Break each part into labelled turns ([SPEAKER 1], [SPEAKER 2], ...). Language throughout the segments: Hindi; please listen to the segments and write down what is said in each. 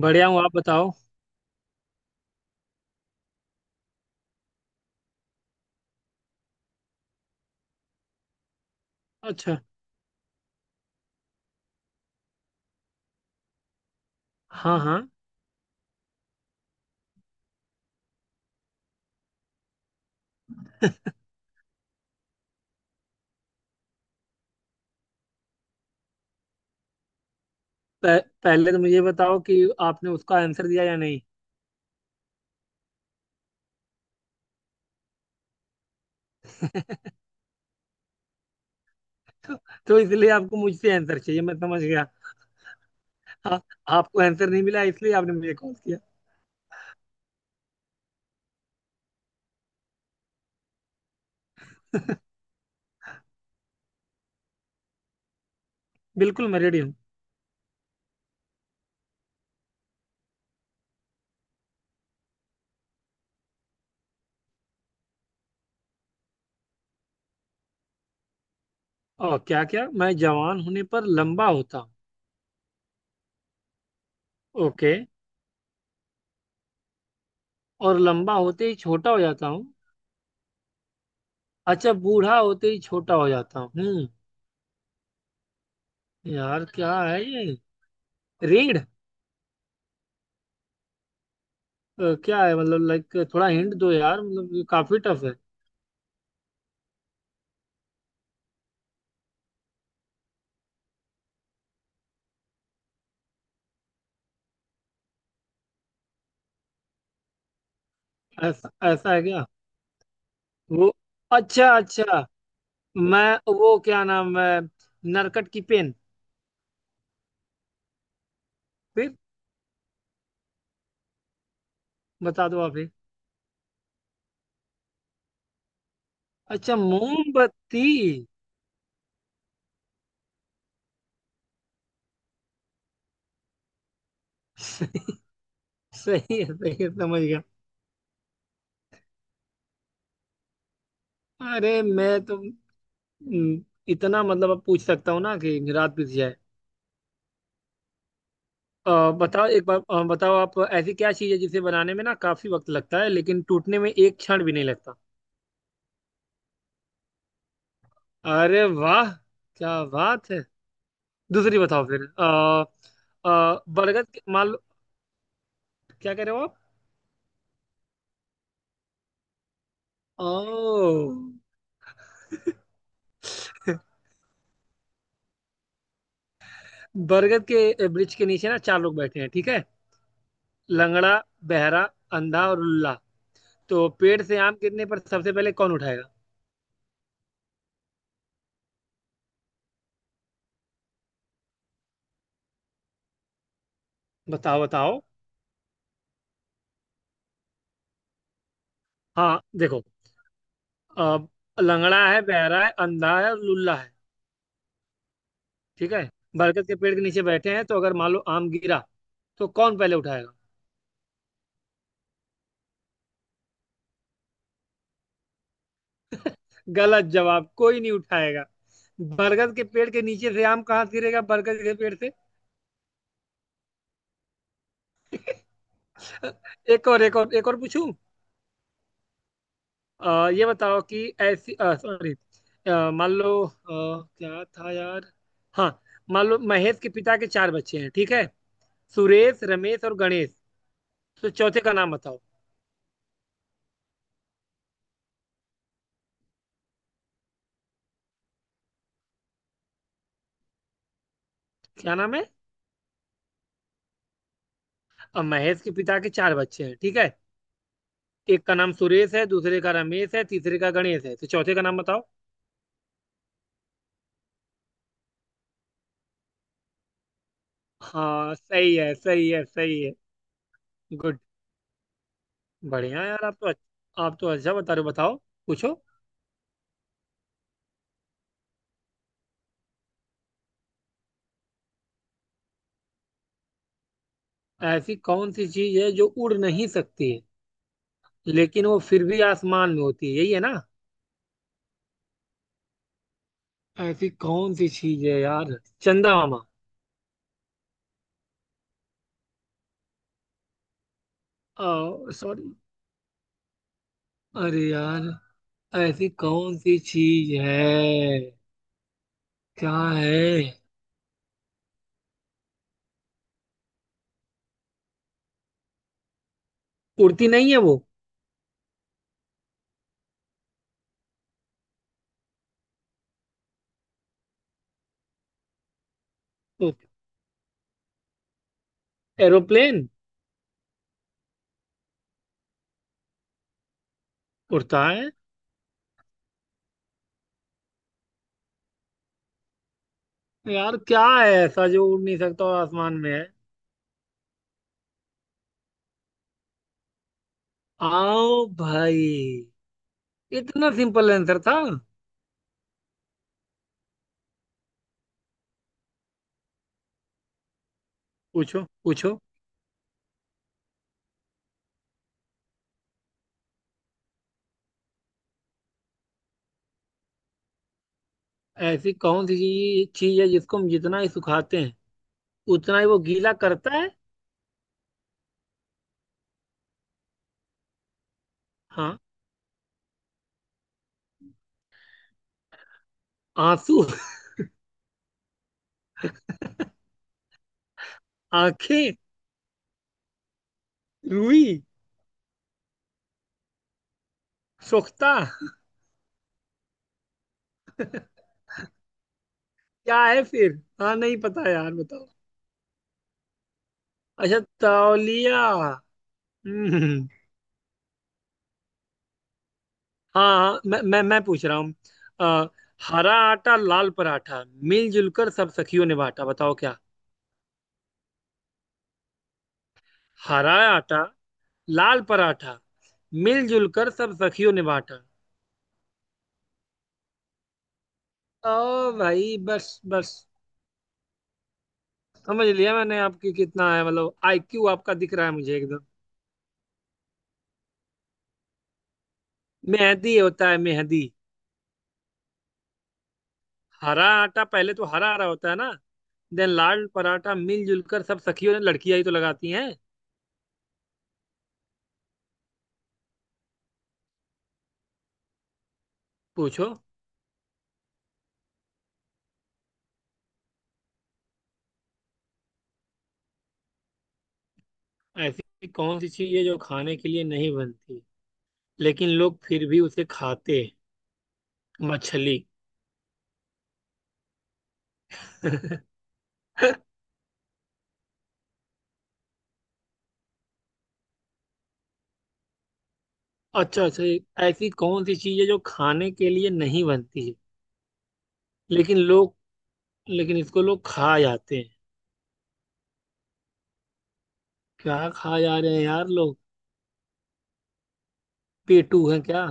[SPEAKER 1] बढ़िया हूँ। आप बताओ। अच्छा। हाँ, हाँ। पहले तो मुझे बताओ कि आपने उसका आंसर दिया या नहीं। तो इसलिए आपको मुझसे आंसर चाहिए, मैं समझ गया। आ, आपको आंसर नहीं मिला इसलिए आपने मुझे कॉल किया। बिल्कुल, मैं रेडी हूँ। और क्या, क्या मैं जवान होने पर लंबा होता हूँ? ओके। और लंबा होते ही छोटा हो जाता हूँ? अच्छा, बूढ़ा होते ही छोटा हो जाता हूँ। हम्म। यार क्या है ये? रीढ़, क्या है मतलब? लाइक थोड़ा हिंट दो यार, मतलब ये काफी टफ है। ऐसा ऐसा है क्या? वो, अच्छा, अच्छा। मैं, वो क्या नाम है, नरकट की पेन। फिर बता दो आप ही। अच्छा, मोमबत्ती। सही है, सही है। समझ गया। अरे मैं तो हम्म, इतना, मतलब, अब पूछ सकता हूँ ना कि रात बीत जाए। बताओ एक बार, बताओ आप, ऐसी क्या चीज़ है जिसे बनाने में ना काफी वक्त लगता है लेकिन टूटने में एक क्षण भी नहीं लगता? अरे वाह! क्या बात है! दूसरी बताओ फिर। मान लो। क्या कह रहे हो आप? ओ। बरगद के वृक्ष के नीचे ना चार लोग बैठे हैं, ठीक है। लंगड़ा, बहरा, अंधा और लुल्ला। तो पेड़ से आम गिरने पर सबसे पहले कौन उठाएगा? बताओ, बताओ। हाँ, देखो। अब लंगड़ा है, बहरा है, अंधा है और लुल्ला है। ठीक है। बरगद के पेड़ के नीचे बैठे हैं, तो अगर मान लो आम गिरा, तो कौन पहले उठाएगा? गलत जवाब। कोई नहीं उठाएगा। बरगद के पेड़ के नीचे से आम कहाँ से गिरेगा? बरगद के पेड़ से। एक और, एक और, एक और पूछूं? ये बताओ कि ऐसी, सॉरी। मान लो क्या था यार? हाँ। मान लो महेश के पिता के चार बच्चे हैं, ठीक है। सुरेश, रमेश और गणेश। तो चौथे का नाम बताओ। क्या नाम है? महेश के पिता के चार बच्चे हैं, ठीक है। एक का नाम सुरेश है, दूसरे का रमेश है, तीसरे का गणेश है, तो चौथे का नाम बताओ। हाँ, सही है, सही है, सही है। गुड। बढ़िया यार, आप तो आप तो अच्छा बता रहे हो। बताओ। पूछो। ऐसी कौन सी चीज है जो उड़ नहीं सकती है। लेकिन वो फिर भी आसमान में होती है, यही है ना? ऐसी कौन सी चीज है यार? चंदा मामा? सॉरी। अरे यार। ऐसी कौन सी चीज है? क्या है? उड़ती नहीं है वो तो। एरोप्लेन। उड़ता है। यार क्या है ऐसा जो उड़ नहीं सकता और आसमान में है? आओ भाई। इतना सिंपल आंसर था। पूछो, पूछो। ऐसी कौन सी चीज चीज है जिसको हम जितना ही सुखाते हैं, उतना ही वो गीला करता है? हाँ। आंसू? आंखें? रूई? सोखता? क्या है फिर? हाँ, नहीं पता यार, बताओ। अच्छा, तौलिया। हम्म। हाँ, मैं पूछ रहा हूँ। अ, हरा आटा लाल पराठा, मिलजुल कर सब सखियों ने बांटा। बताओ क्या? हरा आटा लाल पराठा मिलजुल कर सब सखियों ने बांटा। ओ भाई बस, बस। समझ लिया मैंने आपकी, कितना है मतलब आईक्यू आपका, दिख रहा है मुझे एकदम। मेहदी होता है, मेहदी। हरा आटा, पहले तो हरा हरा होता है ना। देन लाल पराठा मिलजुल कर सब सखियों ने, लड़कियां ही तो लगाती हैं। पूछो। ऐसी कौन सी चीज है जो खाने के लिए नहीं बनती, लेकिन लोग फिर भी उसे खाते हैं? मछली? अच्छा, अच्छा, ये। ऐसी कौन सी चीज है जो खाने के लिए नहीं बनती है, लेकिन लोग, लेकिन इसको लोग खा जाते हैं। क्या खा जा रहे हैं यार लोग? पेटू हैं क्या?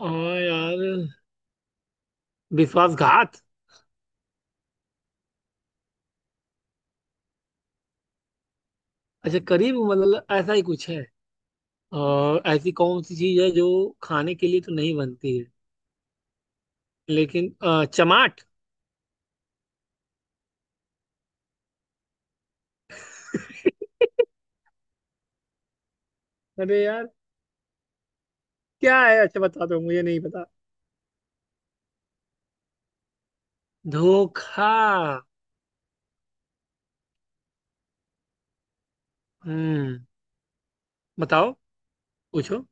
[SPEAKER 1] हाँ यार, विश्वासघात? अच्छा, करीब मतलब ऐसा ही कुछ है? और ऐसी कौन सी चीज है जो खाने के लिए तो नहीं बनती है, लेकिन चमाट। अरे यार। क्या है? अच्छा बता दो, मुझे नहीं पता। धोखा? हम्म। बताओ, पूछो।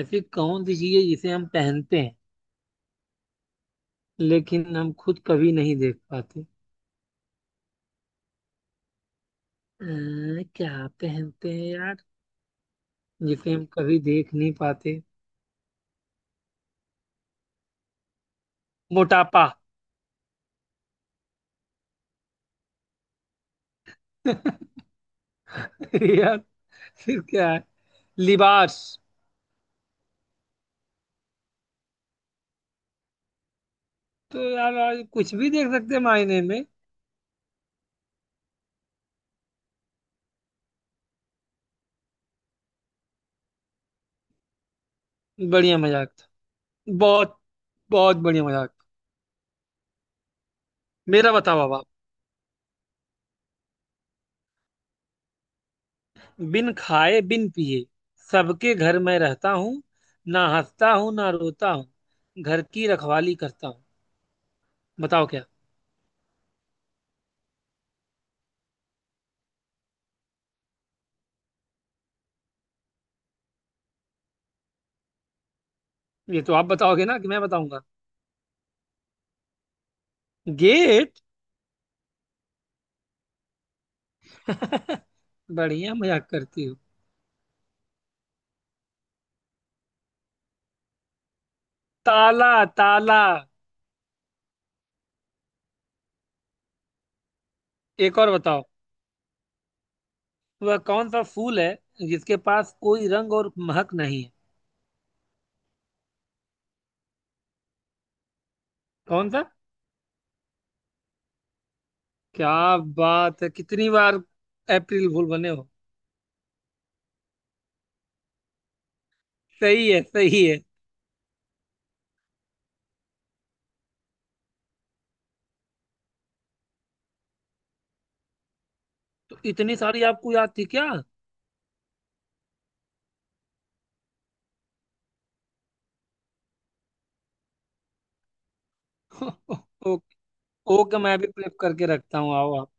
[SPEAKER 1] ऐसी कौन सी चीज है जिसे हम पहनते हैं, लेकिन हम खुद कभी नहीं देख पाते? क्या पहनते हैं यार, जिसे हम कभी देख नहीं पाते? मोटापा? यार! फिर क्या है? लिबास? तो यार आज कुछ भी देख सकते हैं मायने में। बढ़िया मजाक था। बहुत बहुत बढ़िया मजाक। मेरा बताओ अब आप। बिन खाए बिन पिए सबके घर में रहता हूँ। ना हंसता हूँ ना रोता हूँ, घर की रखवाली करता हूँ। बताओ क्या? ये तो आप बताओगे ना कि मैं बताऊंगा? गेट? बढ़िया मजाक करती हो। ताला, ताला। एक और बताओ। वह कौन सा फूल है जिसके पास कोई रंग और महक नहीं है? कौन सा? क्या बात है! कितनी बार अप्रैल फूल बने हो? सही है, सही है। तो इतनी सारी आपको याद थी क्या? ओके। ओके, मैं भी प्रेप करके रखता हूँ। आओ आप।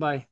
[SPEAKER 1] बाय।